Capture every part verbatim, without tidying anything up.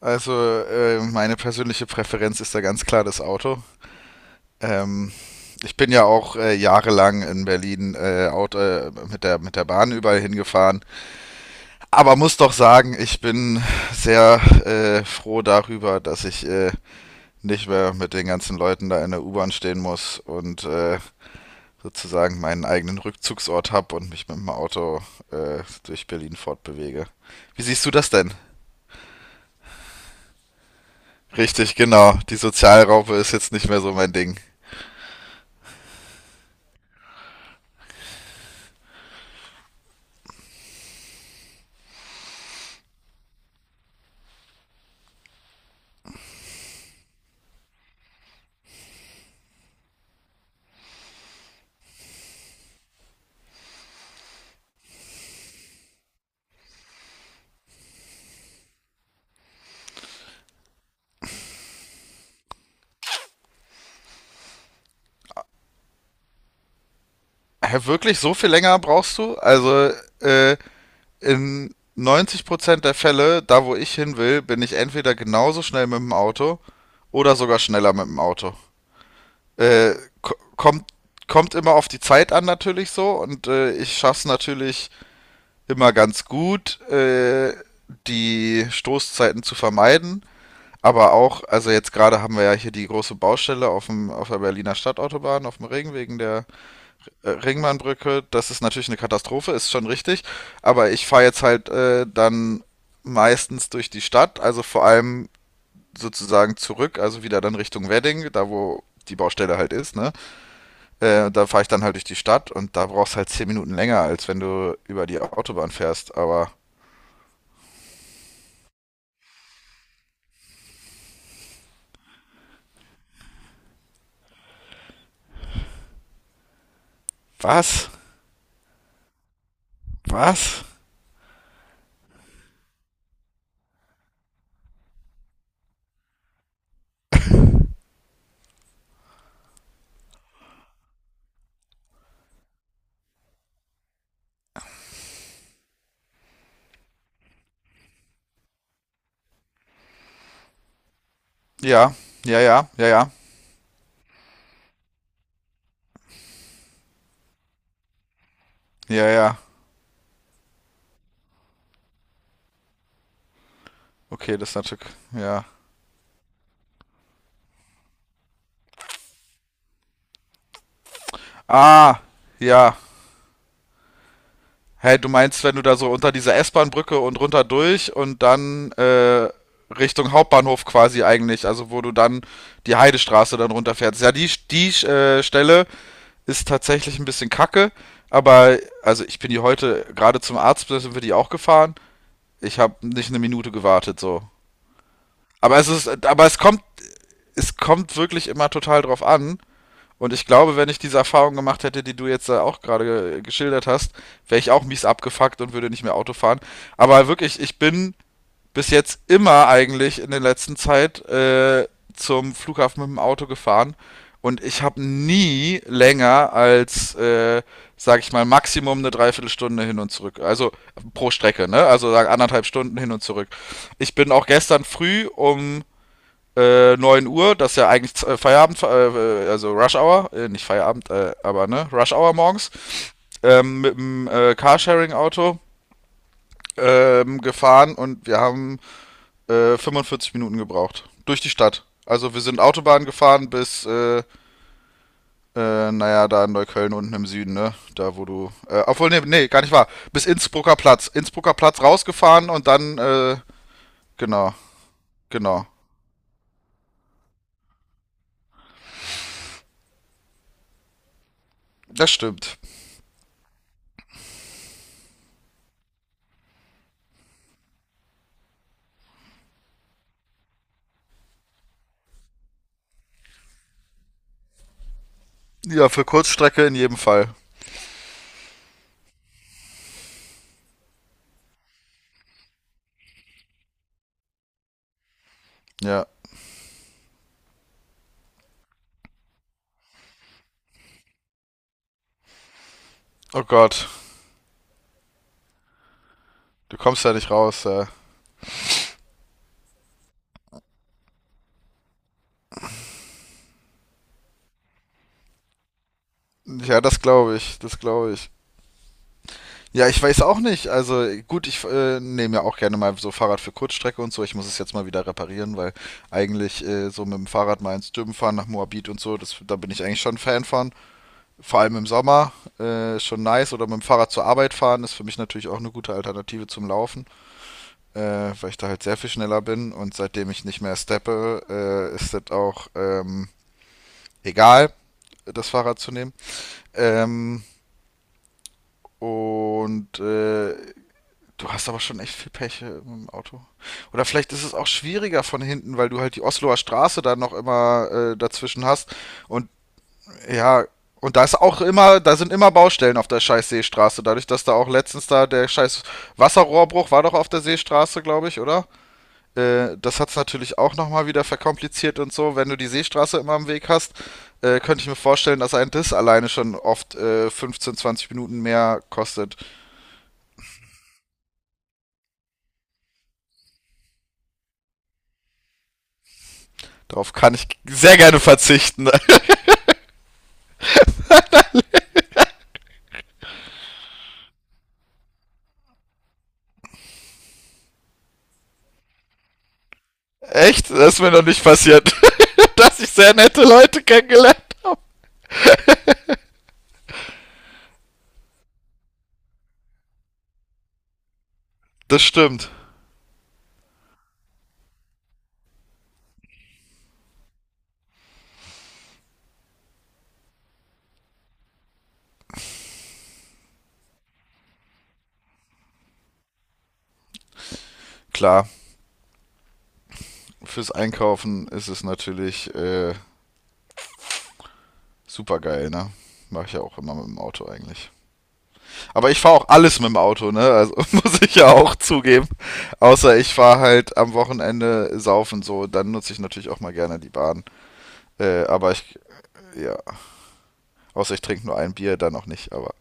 Also äh, meine persönliche Präferenz ist da ganz klar das Auto. Ähm, Ich bin ja auch äh, jahrelang in Berlin äh, Auto, äh, mit, der, mit der Bahn überall hingefahren. Aber muss doch sagen, ich bin sehr äh, froh darüber, dass ich äh, nicht mehr mit den ganzen Leuten da in der U-Bahn stehen muss und äh, sozusagen meinen eigenen Rückzugsort habe und mich mit dem Auto äh, durch Berlin fortbewege. Wie siehst du das denn? Richtig, genau. Die Sozialraupe ist jetzt nicht mehr so mein Ding. Hä, wirklich so viel länger brauchst du? Also, äh, in neunzig Prozent der Fälle, da wo ich hin will, bin ich entweder genauso schnell mit dem Auto oder sogar schneller mit dem Auto. Äh, ko- kommt, kommt immer auf die Zeit an natürlich so, und äh, ich schaff's natürlich immer ganz gut, äh, die Stoßzeiten zu vermeiden. Aber auch, also jetzt gerade haben wir ja hier die große Baustelle auf dem, auf der Berliner Stadtautobahn, auf dem Ring, wegen der äh, Ringbahnbrücke. Das ist natürlich eine Katastrophe, ist schon richtig. Aber ich fahre jetzt halt äh, dann meistens durch die Stadt, also vor allem sozusagen zurück, also wieder dann Richtung Wedding, da wo die Baustelle halt ist, ne? Äh, da fahre ich dann halt durch die Stadt und da brauchst halt zehn Minuten länger, als wenn du über die Autobahn fährst. Aber was? Was? Ja, ja, ja, ja, ja, ja, ja. Okay, das ist natürlich, ja. Ah, ja. Hey, du meinst, wenn du da so unter dieser S-Bahn-Brücke und runter durch und dann äh, Richtung Hauptbahnhof quasi, eigentlich, also wo du dann die Heidestraße dann runterfährst. Ja, die, die äh, Stelle ist tatsächlich ein bisschen kacke, aber also ich bin die heute gerade zum Arzt, da sind wir die auch gefahren. Ich habe nicht eine Minute gewartet so. Aber es ist, aber es kommt, es kommt wirklich immer total drauf an. Und ich glaube, wenn ich diese Erfahrung gemacht hätte, die du jetzt äh, auch gerade äh, geschildert hast, wäre ich auch mies abgefuckt und würde nicht mehr Auto fahren. Aber wirklich, ich bin bis jetzt immer eigentlich in der letzten Zeit äh, zum Flughafen mit dem Auto gefahren, und ich habe nie länger als, äh, sag ich mal, Maximum eine Dreiviertelstunde hin und zurück. Also pro Strecke, ne? Also sag anderthalb Stunden hin und zurück. Ich bin auch gestern früh um äh, neun Uhr, das ist ja eigentlich äh, Feierabend, äh, äh, also Rush Hour, äh, nicht Feierabend, äh, aber ne, Rush Hour morgens, ähm, mit dem äh, Carsharing-Auto ähm, gefahren, und wir haben äh, fünfundvierzig Minuten gebraucht. Durch die Stadt. Also wir sind Autobahn gefahren bis, äh, äh, naja, da in Neukölln unten im Süden, ne? Da wo du. Äh, obwohl, nee, nee, gar nicht wahr. Bis Innsbrucker Platz. Innsbrucker Platz rausgefahren und dann, äh, genau, genau. Das stimmt. Ja, für Kurzstrecke in jedem Fall. Ja. Oh Gott. Du kommst da nicht raus, ja. Ja, das glaube ich, das glaube ich. Ja, ich weiß auch nicht. Also gut, ich äh, nehme ja auch gerne mal so Fahrrad für Kurzstrecke und so. Ich muss es jetzt mal wieder reparieren, weil eigentlich äh, so mit dem Fahrrad mal ins Dürben fahren nach Moabit und so, das, da bin ich eigentlich schon ein Fan von. Vor allem im Sommer äh, ist schon nice. Oder mit dem Fahrrad zur Arbeit fahren ist für mich natürlich auch eine gute Alternative zum Laufen, äh, weil ich da halt sehr viel schneller bin. Und seitdem ich nicht mehr steppe, äh, ist das auch ähm, egal, das Fahrrad zu nehmen. Ähm, Und äh, du hast aber schon echt viel Pech äh, mit dem Auto. Oder vielleicht ist es auch schwieriger von hinten, weil du halt die Osloer Straße dann noch immer äh, dazwischen hast. Und ja, und da ist auch immer, da sind immer Baustellen auf der scheiß Seestraße. Dadurch, dass da auch letztens da der scheiß Wasserrohrbruch war, doch, auf der Seestraße, glaube ich, oder? Äh, das hat's natürlich auch nochmal wieder verkompliziert und so. Wenn du die Seestraße immer im Weg hast, äh, könnte ich mir vorstellen, dass ein Diss alleine schon oft äh, fünfzehn, zwanzig Minuten mehr kostet. Darauf kann ich sehr gerne verzichten. Echt? Das ist mir noch nicht passiert, dass ich sehr nette Leute kennengelernt habe. Das stimmt. Klar, fürs Einkaufen ist es natürlich äh, super geil, ne? Mache ich ja auch immer mit dem Auto eigentlich. Aber ich fahre auch alles mit dem Auto, ne? Also muss ich ja auch zugeben. Außer ich fahre halt am Wochenende saufen so, dann nutze ich natürlich auch mal gerne die Bahn. Äh, aber ich, ja, außer ich trinke nur ein Bier, dann auch nicht, aber.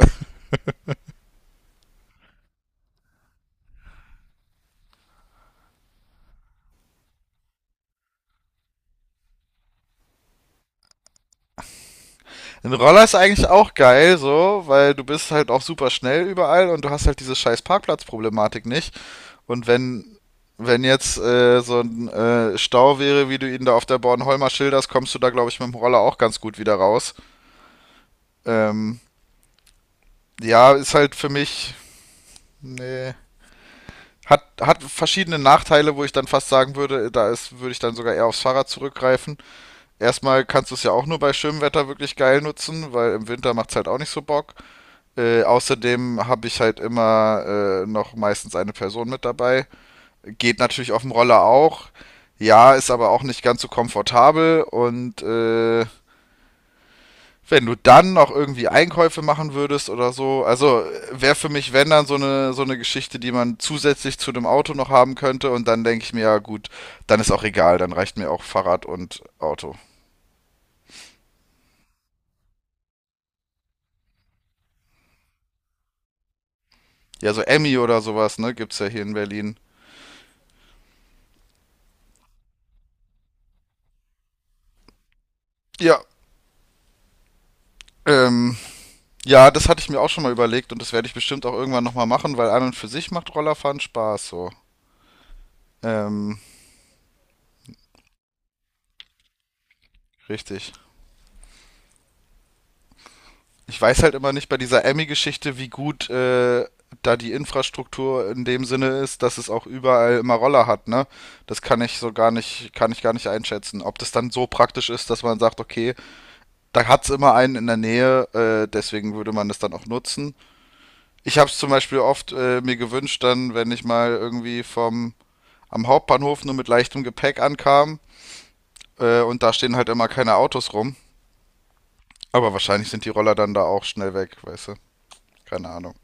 Ein Roller ist eigentlich auch geil, so, weil du bist halt auch super schnell überall und du hast halt diese scheiß Parkplatzproblematik nicht. Und wenn, wenn jetzt äh, so ein äh, Stau wäre, wie du ihn da auf der Bornholmer schilderst, kommst du da, glaube ich, mit dem Roller auch ganz gut wieder raus. Ähm, ja, ist halt für mich, nee. Hat, hat verschiedene Nachteile, wo ich dann fast sagen würde, da ist, würde ich dann sogar eher aufs Fahrrad zurückgreifen. Erstmal kannst du es ja auch nur bei schönem Wetter wirklich geil nutzen, weil im Winter macht es halt auch nicht so Bock. Äh, außerdem habe ich halt immer äh, noch meistens eine Person mit dabei. Geht natürlich auf dem Roller auch. Ja, ist aber auch nicht ganz so komfortabel. Und äh, wenn du dann noch irgendwie Einkäufe machen würdest oder so, also wäre für mich, wenn dann so eine, so eine Geschichte, die man zusätzlich zu dem Auto noch haben könnte. Und dann denke ich mir, ja gut, dann ist auch egal, dann reicht mir auch Fahrrad und Auto. Ja, so Emmy oder sowas, ne, gibt's ja hier in Berlin. Ja, ähm, ja, das hatte ich mir auch schon mal überlegt, und das werde ich bestimmt auch irgendwann nochmal machen, weil an und für sich macht Rollerfahren Spaß so. Ähm, Richtig. Ich weiß halt immer nicht bei dieser Emmy-Geschichte, wie gut äh, da die Infrastruktur in dem Sinne ist, dass es auch überall immer Roller hat, ne? Das kann ich so gar nicht, kann ich gar nicht einschätzen. Ob das dann so praktisch ist, dass man sagt, okay, da hat's immer einen in der Nähe, äh, deswegen würde man das dann auch nutzen. Ich habe es zum Beispiel oft äh, mir gewünscht, dann, wenn ich mal irgendwie vom am Hauptbahnhof nur mit leichtem Gepäck ankamen. Äh, und da stehen halt immer keine Autos rum. Aber wahrscheinlich sind die Roller dann da auch schnell weg, weißt du? Keine Ahnung.